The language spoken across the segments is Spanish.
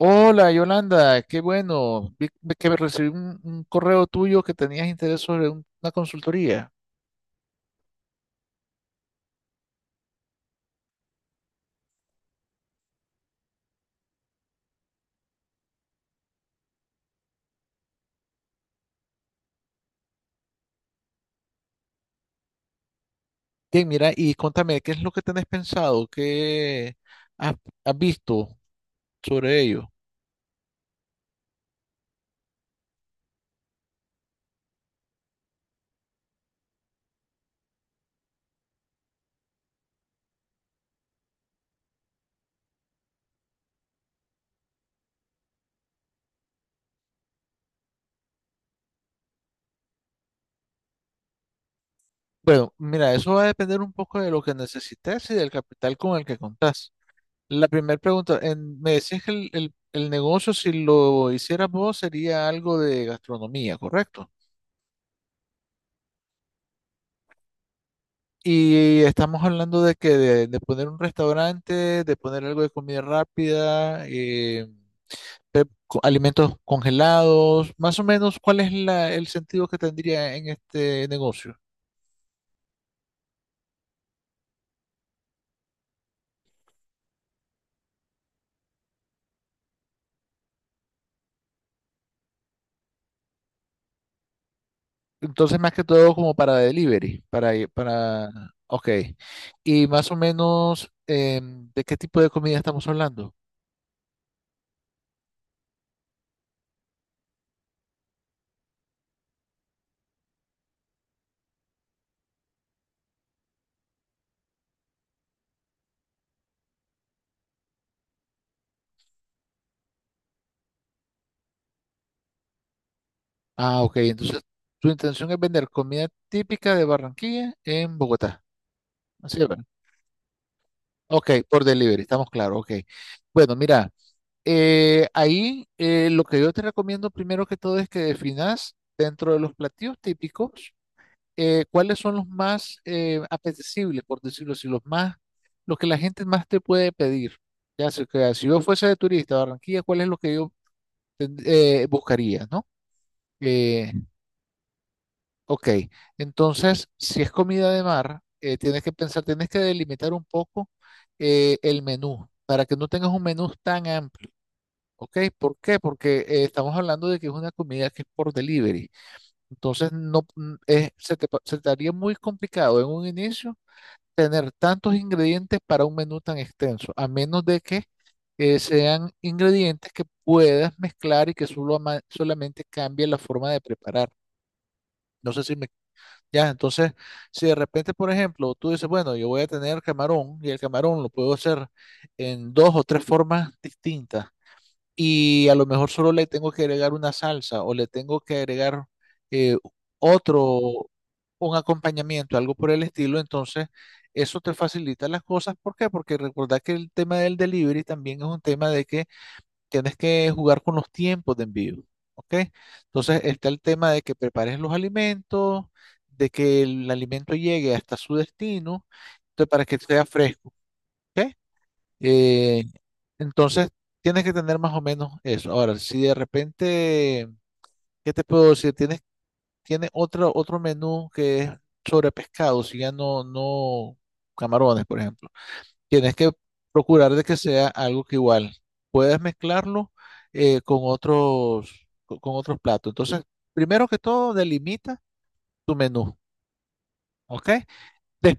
Hola Yolanda, qué bueno. Vi que recibí un correo tuyo que tenías interés sobre un- una consultoría. Bien, mira, y contame, ¿qué es lo que tenés pensado? ¿Qué has, has visto sobre ello? Bueno, mira, eso va a depender un poco de lo que necesites y del capital con el que contás. La primera pregunta, en- me decías que el negocio, si lo hicieras vos, sería algo de gastronomía, ¿correcto? Y estamos hablando de que de poner un restaurante, de poner algo de comida rápida, pe- co- alimentos congelados, más o menos cuál es la- el sentido que tendría en este negocio. Entonces, más que todo como para delivery, para, i- para, ok. Y más o menos, ¿de qué tipo de comida estamos hablando? Ah, ok. Entonces, tu intención es vender comida típica de Barranquilla en Bogotá. Así es. Ok, por delivery, estamos claros, ok. Bueno, mira, ahí lo que yo te recomiendo primero que todo es que definas dentro de los platillos típicos cuáles son los más apetecibles, por decirlo así, los más, los que la gente más te puede pedir. Ya sé que si yo fuese de turista a Barranquilla, ¿cuál es lo que yo ten- buscaría, ¿no? Eh, Ok, entonces, si es comida de mar, tienes que pensar, tienes que delimitar un poco el menú para que no tengas un menú tan amplio. Ok, ¿por qué? Porque estamos hablando de que es una comida que es por delivery. Entonces, no, es- se te, pa- se te haría muy complicado en un inicio tener tantos ingredientes para un menú tan extenso, a menos de que sean ingredientes que puedas mezclar y que solo ama- solamente cambie la forma de preparar. No sé si me ya, entonces, si de repente, por ejemplo, tú dices, bueno, yo voy a tener camarón y el camarón lo puedo hacer en dos o tres formas distintas y a lo mejor solo le tengo que agregar una salsa o le tengo que agregar eh, otro, un acompañamiento, algo por el estilo, entonces eso te facilita las cosas. ¿Por qué? Porque recordad que el tema del delivery también es un tema de que tienes que jugar con los tiempos de envío, ¿ok? Entonces está el tema de que prepares los alimentos, de que el alimento llegue hasta su destino, entonces, para que sea fresco, ¿ok? Eh, entonces tienes que tener más o menos eso. Ahora, si de repente, ¿qué te puedo decir? Tienes, tiene otro menú que es sobre pescado, si ya no camarones, por ejemplo. Tienes que procurar de que sea algo que igual puedas mezclarlo con otros, co- con otros platos. Entonces, primero que todo, delimita tu menú, ¿ok? Des-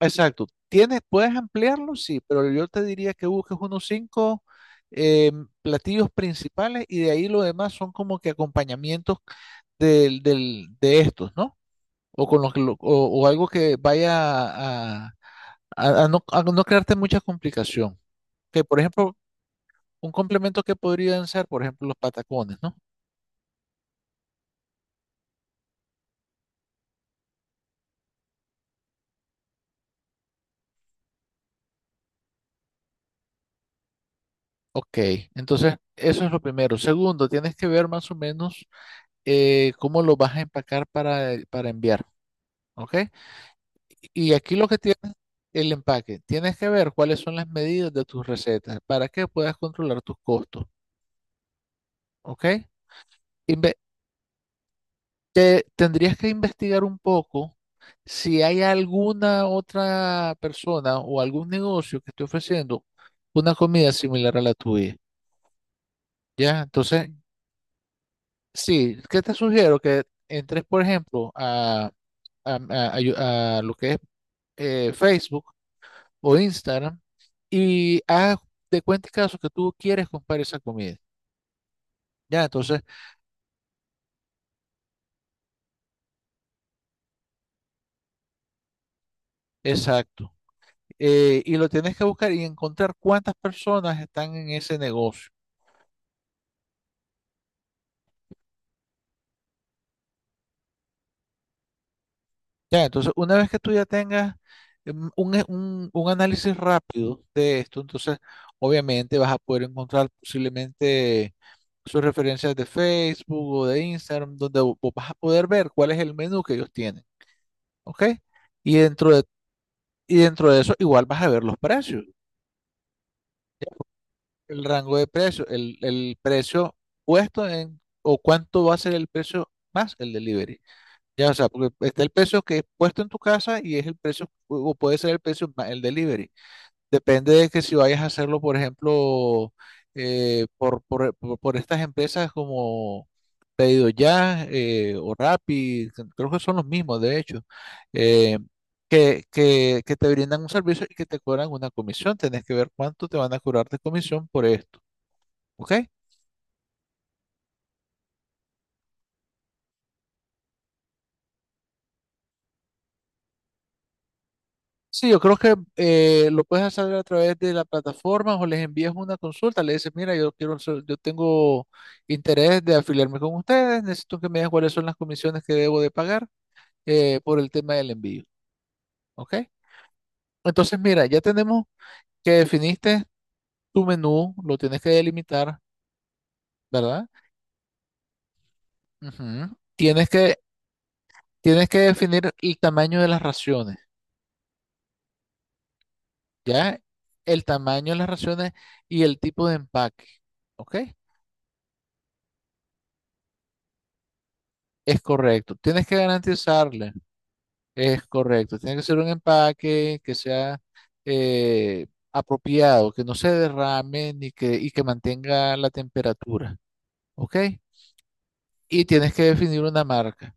exacto. Tienes, puedes ampliarlo, sí, pero yo te diría que busques unos cinco eh, platillos principales y de ahí lo demás son como que acompañamientos de estos, ¿no? O con los que lo- o algo que vaya a no crearte mucha complicación. Que, por ejemplo, un complemento que podrían ser, por ejemplo, los patacones, ¿no? Ok, entonces eso es lo primero. Segundo, tienes que ver más o menos cómo lo vas a empacar para enviar, ¿ok? Y aquí lo que tienes, el empaque, tienes que ver cuáles son las medidas de tus recetas para que puedas controlar tus costos, ¿ok? Inve- te- tendrías que investigar un poco si hay alguna otra persona o algún negocio que esté ofreciendo una comida similar a la tuya. ¿Ya? Entonces, sí, ¿qué te sugiero? Que entres, por ejemplo, a yo- a lo que es Facebook o Instagram y haz de cuenta y caso que tú quieres comprar esa comida. Ya, entonces, exacto. Y lo tienes que buscar y encontrar cuántas personas están en ese negocio. Ya, entonces, una vez que tú ya tengas e- un análisis rápido de esto, entonces, obviamente vas a poder encontrar posiblemente sus referencias de Facebook o de Instagram, donde vo- vos vas a poder ver cuál es el menú que ellos tienen, ¿ok? Y dentro de, y dentro de eso igual vas a ver los precios, el rango de precios, el precio puesto en, o cuánto va a ser el precio más el delivery. Ya, o sea, porque está el precio que es puesto en tu casa y es el precio, o puede ser el precio más el delivery. Depende de que si vayas a hacerlo, por ejemplo, por estas empresas como Pedido Ya o Rappi, que creo que son los mismos, de hecho, eh, que te brindan un servicio y que te cobran una comisión. Tenés que ver cuánto te van a cobrar de comisión por esto, ¿ok? Sí, yo creo que lo puedes hacer a través de la plataforma o les envías una consulta, le dices, mira, yo quiero, ser- yo tengo interés de afiliarme con ustedes, necesito que me digan cuáles son las comisiones que debo de pagar por el tema del envío, ¿ok? Entonces, mira, ya tenemos que definiste tu menú, lo tienes que delimitar, ¿verdad? Ujú. Tienes que definir el tamaño de las raciones, ¿ya? El tamaño de las raciones y el tipo de empaque, ¿ok? Es correcto, tienes que garantizarle, es correcto, tiene que ser un empaque que sea eh, apropiado, que no se derrame ni que, y que mantenga la temperatura, ¿ok? Y tienes que definir una marca.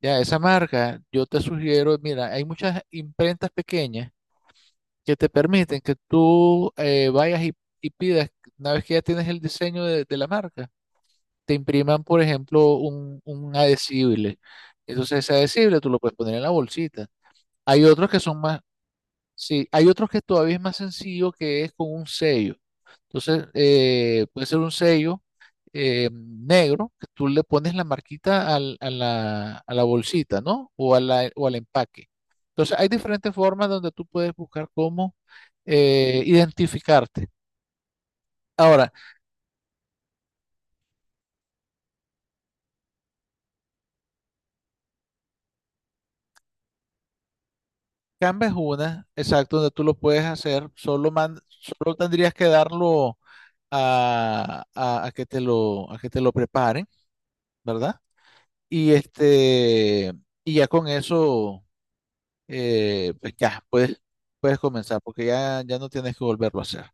Ya, esa marca, yo te sugiero, mira, hay muchas imprentas pequeñas que te permiten que tú vayas y pidas, una vez que ya tienes el diseño de la marca, te impriman, por ejemplo, un adhesible. Entonces ese adhesible tú lo puedes poner en la bolsita. Hay otros que son más, sí, hay otros que todavía es más sencillo que es con un sello. Entonces, puede ser un sello negro que tú le pones la marquita al- a la bolsita, ¿no? O, a la- o al empaque. Entonces, hay diferentes formas donde tú puedes buscar cómo identificarte. Ahora, Canva es una, exacto, donde tú lo puedes hacer, solo, man- solo tendrías que darlo a que te lo, a que te lo preparen, ¿verdad? Y este, y ya con eso, pues ya puedes, puedes comenzar, porque ya, ya no tienes que volverlo a hacer.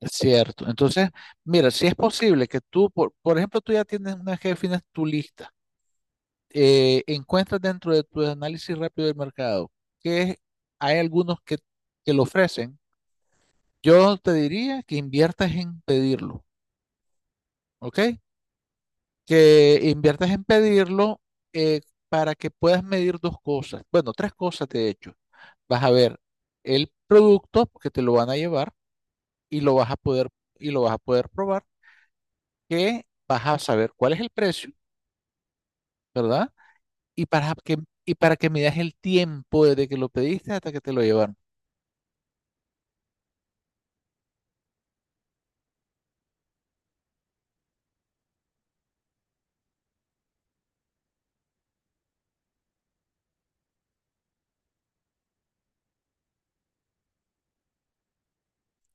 Es cierto. Entonces, mira, si es posible que tú, por ejemplo, tú ya tienes una vez que defines tu lista, encuentras dentro de tu análisis rápido del mercado que hay algunos que lo ofrecen, yo te diría que inviertas en pedirlo, ¿ok? Que inviertas en pedirlo eh, para que puedas medir dos cosas. Bueno, tres cosas de hecho. Vas a ver el producto que te lo van a llevar y lo vas a poder y lo vas a poder probar, que vas a saber cuál es el precio, ¿verdad? Y para que y para que midas el tiempo desde que lo pediste hasta que te lo llevaron.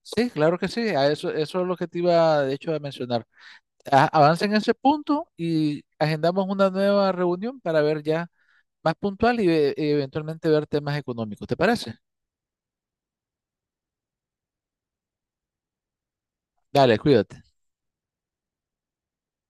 Sí, claro que sí, a eso, eso es lo que te iba de hecho a mencionar. A- avanza en ese punto y agendamos una nueva reunión para ver ya más puntual y ve- eventualmente ver temas económicos. ¿Te parece? Dale, cuídate.